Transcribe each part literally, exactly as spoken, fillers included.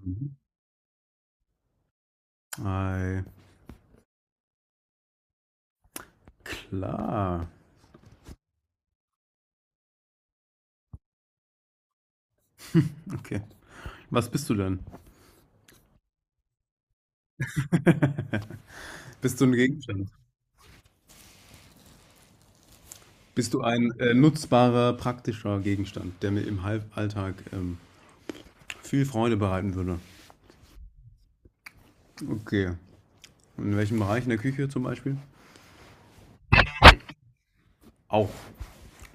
Mhm. Ei, klar. Okay. Was bist du denn? Bist du ein Gegenstand? Bist du ein, äh, nutzbarer, praktischer Gegenstand, der mir im Hal Alltag ähm, viel Freude bereiten würde? Okay. In welchem Bereich? In der Küche zum Beispiel? Auch.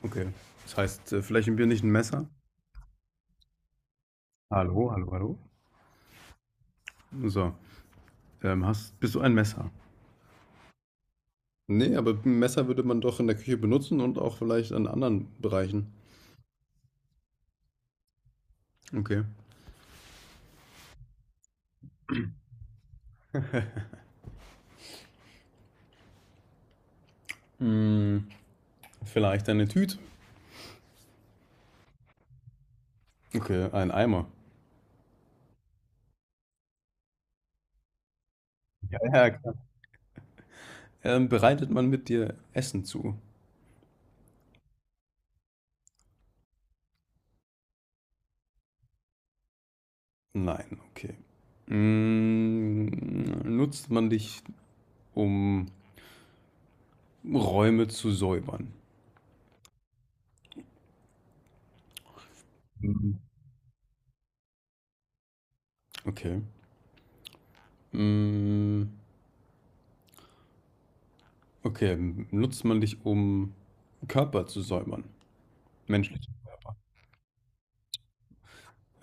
Okay. Das heißt, äh, vielleicht im Bier nicht ein Messer? Hallo, hallo, hallo? So, ähm, hast bist du ein Messer? Ne, aber 'n Messer würde man doch in der Küche benutzen und auch vielleicht an anderen Bereichen. Okay. Hm, vielleicht eine Tüte? Okay, ein Eimer. Ja, ja, klar. Ähm, bereitet man mit dir Essen zu? Nein, okay. Mm, nutzt man dich, um Räume zu säubern? Mhm. Okay. Mm, okay, nutzt man dich, um Körper zu säubern? Menschliche Körper.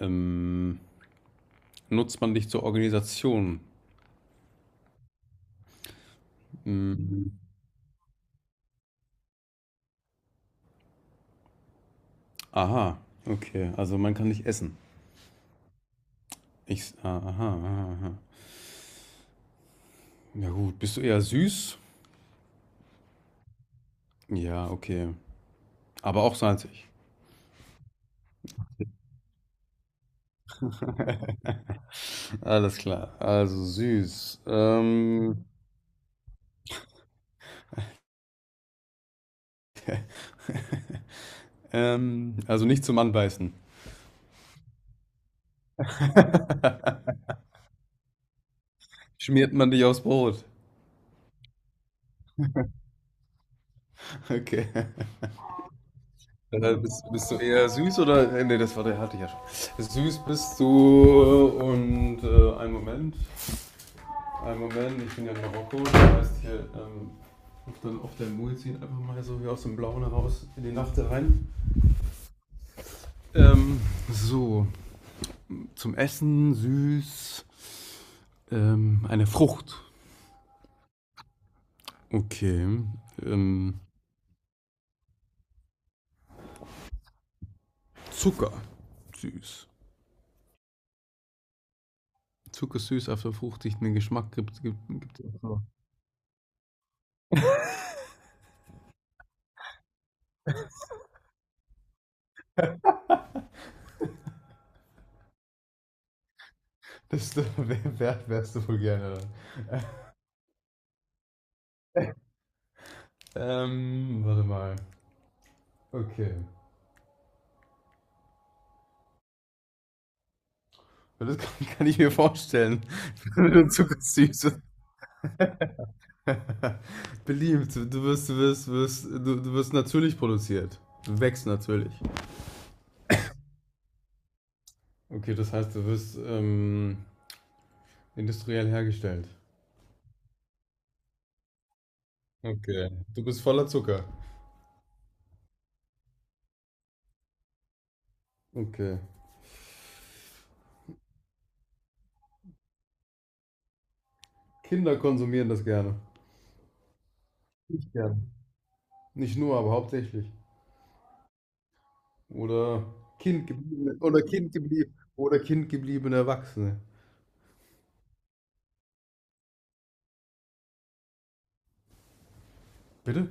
Ähm, nutzt man dich zur Organisation? Mm, aha, okay, also man kann dich essen. Ich, aha, aha, aha. Ja gut, bist du eher süß? Ja, okay. Aber auch salzig. Alles klar. Also süß. Ähm, ähm, also nicht zum Anbeißen. Schmiert man dich aufs Brot. Okay. Äh, bist, bist du eher süß oder. Äh, nee, das war der hatte ich ja schon. Süß bist du und äh, einen Moment. Einen Moment, ich bin ja in Marokko. Das heißt hier, ähm, auf der, auf der Muizin einfach mal so wie aus dem Blauen heraus in die Nacht rein. Ähm, so, zum Essen süß. Ähm, eine Frucht. Okay. Ähm, Zucker. Süß. Zuckersüß auf der fruchtigen Geschmack gibt es auch. Das, wer, wer, wärst du wohl gerne dann? Ähm, warte mal. Okay. Ja, das kann, kann ich mir vorstellen. Wenn du zuckersüß. Beliebt. Du wirst, du wirst, wirst, du, du wirst natürlich produziert. Du wächst natürlich. Okay, das heißt, du wirst ähm, industriell hergestellt. Okay. Du bist voller Zucker. Okay. Kinder konsumieren das gerne. Ich gerne. Nicht nur, aber hauptsächlich. Oder kindgebliebene, oder kindgebliebene, oder kindgebliebene Erwachsene. Bitte?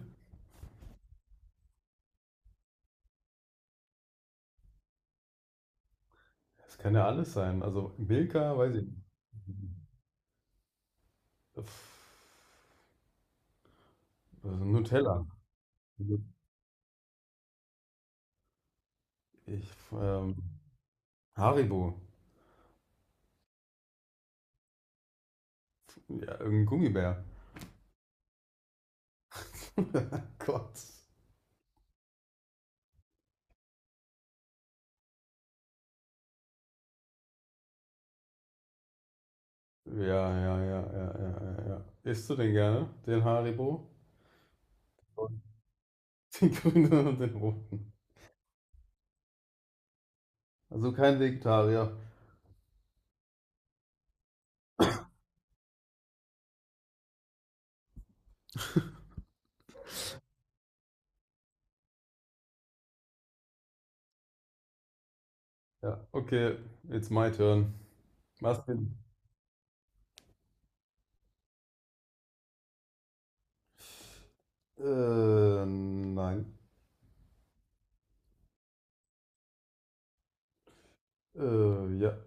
Das kann ja alles sein. Also Milka, weiß ich nicht. Pff, also Nutella. Ich, ähm, Haribo. Ja, irgendein Gummibär. Gott. Ja, ja, ja, ja, ja, ja, ja. Isst du den gerne, den Haribo? Den grünen und den roten. Also kein Vegetarier. Ja, okay, it's my turn. Martin. Äh, nein. Äh, ja.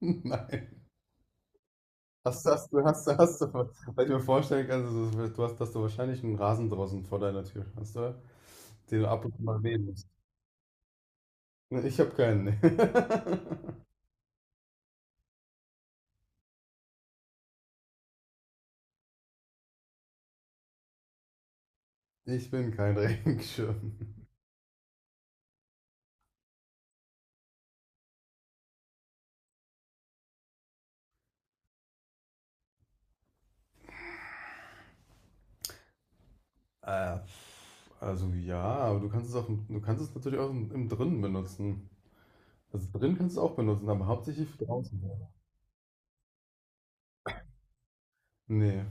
Nein. Hast, du- hast, du, hast, du, hast du, weil ich mir vorstellen kann, dass du, du hast, dass du wahrscheinlich einen Rasen draußen vor deiner Tür hast, oder? Den du ab und zu mal wehen musst. Ne, ich habe keinen. Nee. Ich bin kein Regenschirm. Äh, also ja, aber du kannst es auch, im- du kannst es natürlich auch im, im Drinnen benutzen. Also drin kannst du es auch benutzen, aber hauptsächlich für draußen. Nee.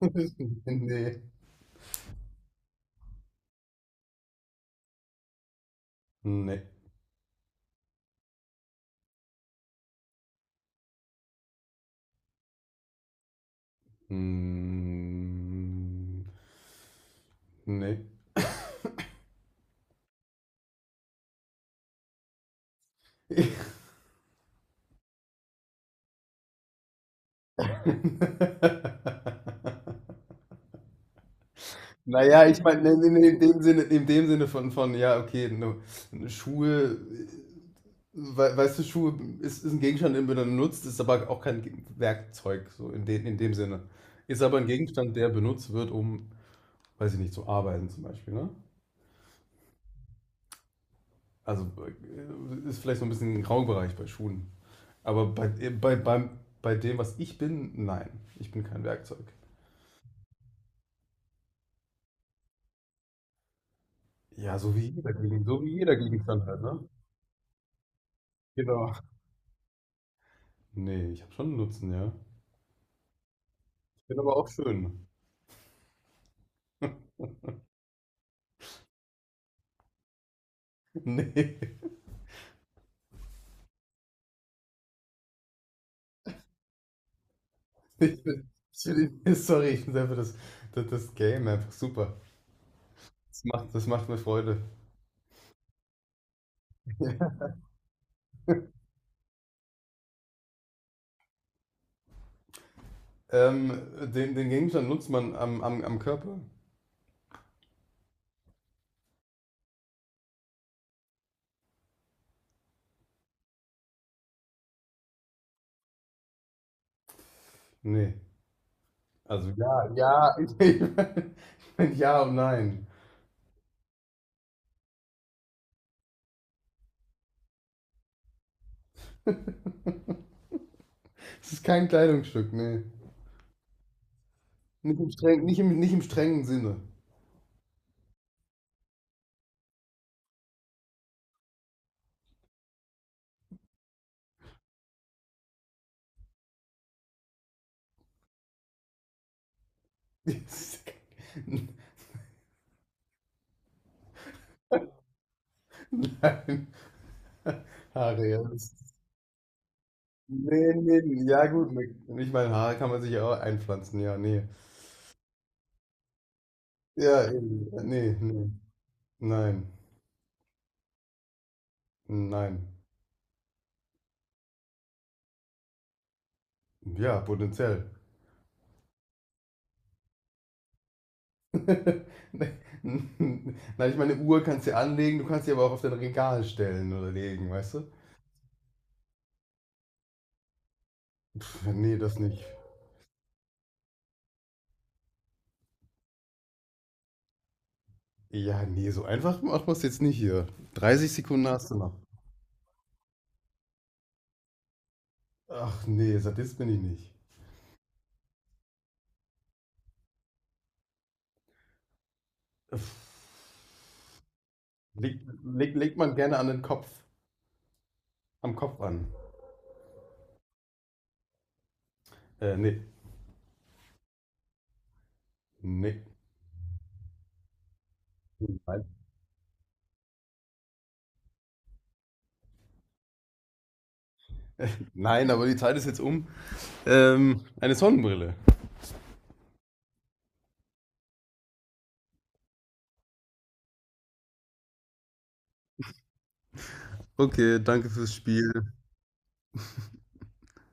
Nee. Nee. Mm, nee. Naja, ich meine, in, in, in dem Sinne, in dem Sinne von, von ja, okay, ne, Schuhe, äh, we, weißt du, Schuhe ist, ist ein Gegenstand, den man benutzt, ist aber auch kein Ge- Werkzeug, so in, de, in dem Sinne. Ist aber ein Gegenstand, der benutzt wird, um, weiß ich nicht, zu arbeiten zum Beispiel, ne? Also äh, ist vielleicht so ein bisschen ein Graubereich bei Schuhen. Aber bei, bei, beim, bei dem, was ich bin, nein, ich bin kein Werkzeug. Ja, so wie jeder, Gegen- so wie jeder Gegenstand halt, ne? Genau. Nee, ich habe schon einen Nutzen, ja. Ich bin aber auch schön. Nee, ich bin, ich bin, sorry, ich finde einfach das, das, das Game einfach super. Das macht, das macht mir Freude. Ähm, den, den Gegenstand nutzt man am, am, am Körper? Nee. Also ja, ja, ich, meine, ich mein, ja und nein. Es ist kein Kleidungsstück, nee. Nicht im strengen, nicht im, nicht im strengen Sinne. Nein. Haare, ja. Das, nee, nee, nee. Ja, gut. ne- Ich meine, Haare kann man sich ja auch einpflanzen. Ja, nee. Ja, eben. Nee, nee. Nein. Nein. Ja, potenziell. Nein, ich meine, Uhr kannst du ja anlegen, du kannst sie aber auch auf dein Regal stellen oder legen, weißt du? Pff, nee, das nicht. Ja, nee, so einfach macht man es jetzt nicht hier. dreißig Sekunden hast du noch. Ach nee, Sadist bin ich nicht. Legt, legt, legt man gerne an den Kopf, am Kopf an. Äh, nee, nee. Nein. Nein, aber die Zeit ist jetzt um. Ähm, eine Sonnenbrille. Okay, danke fürs Spiel.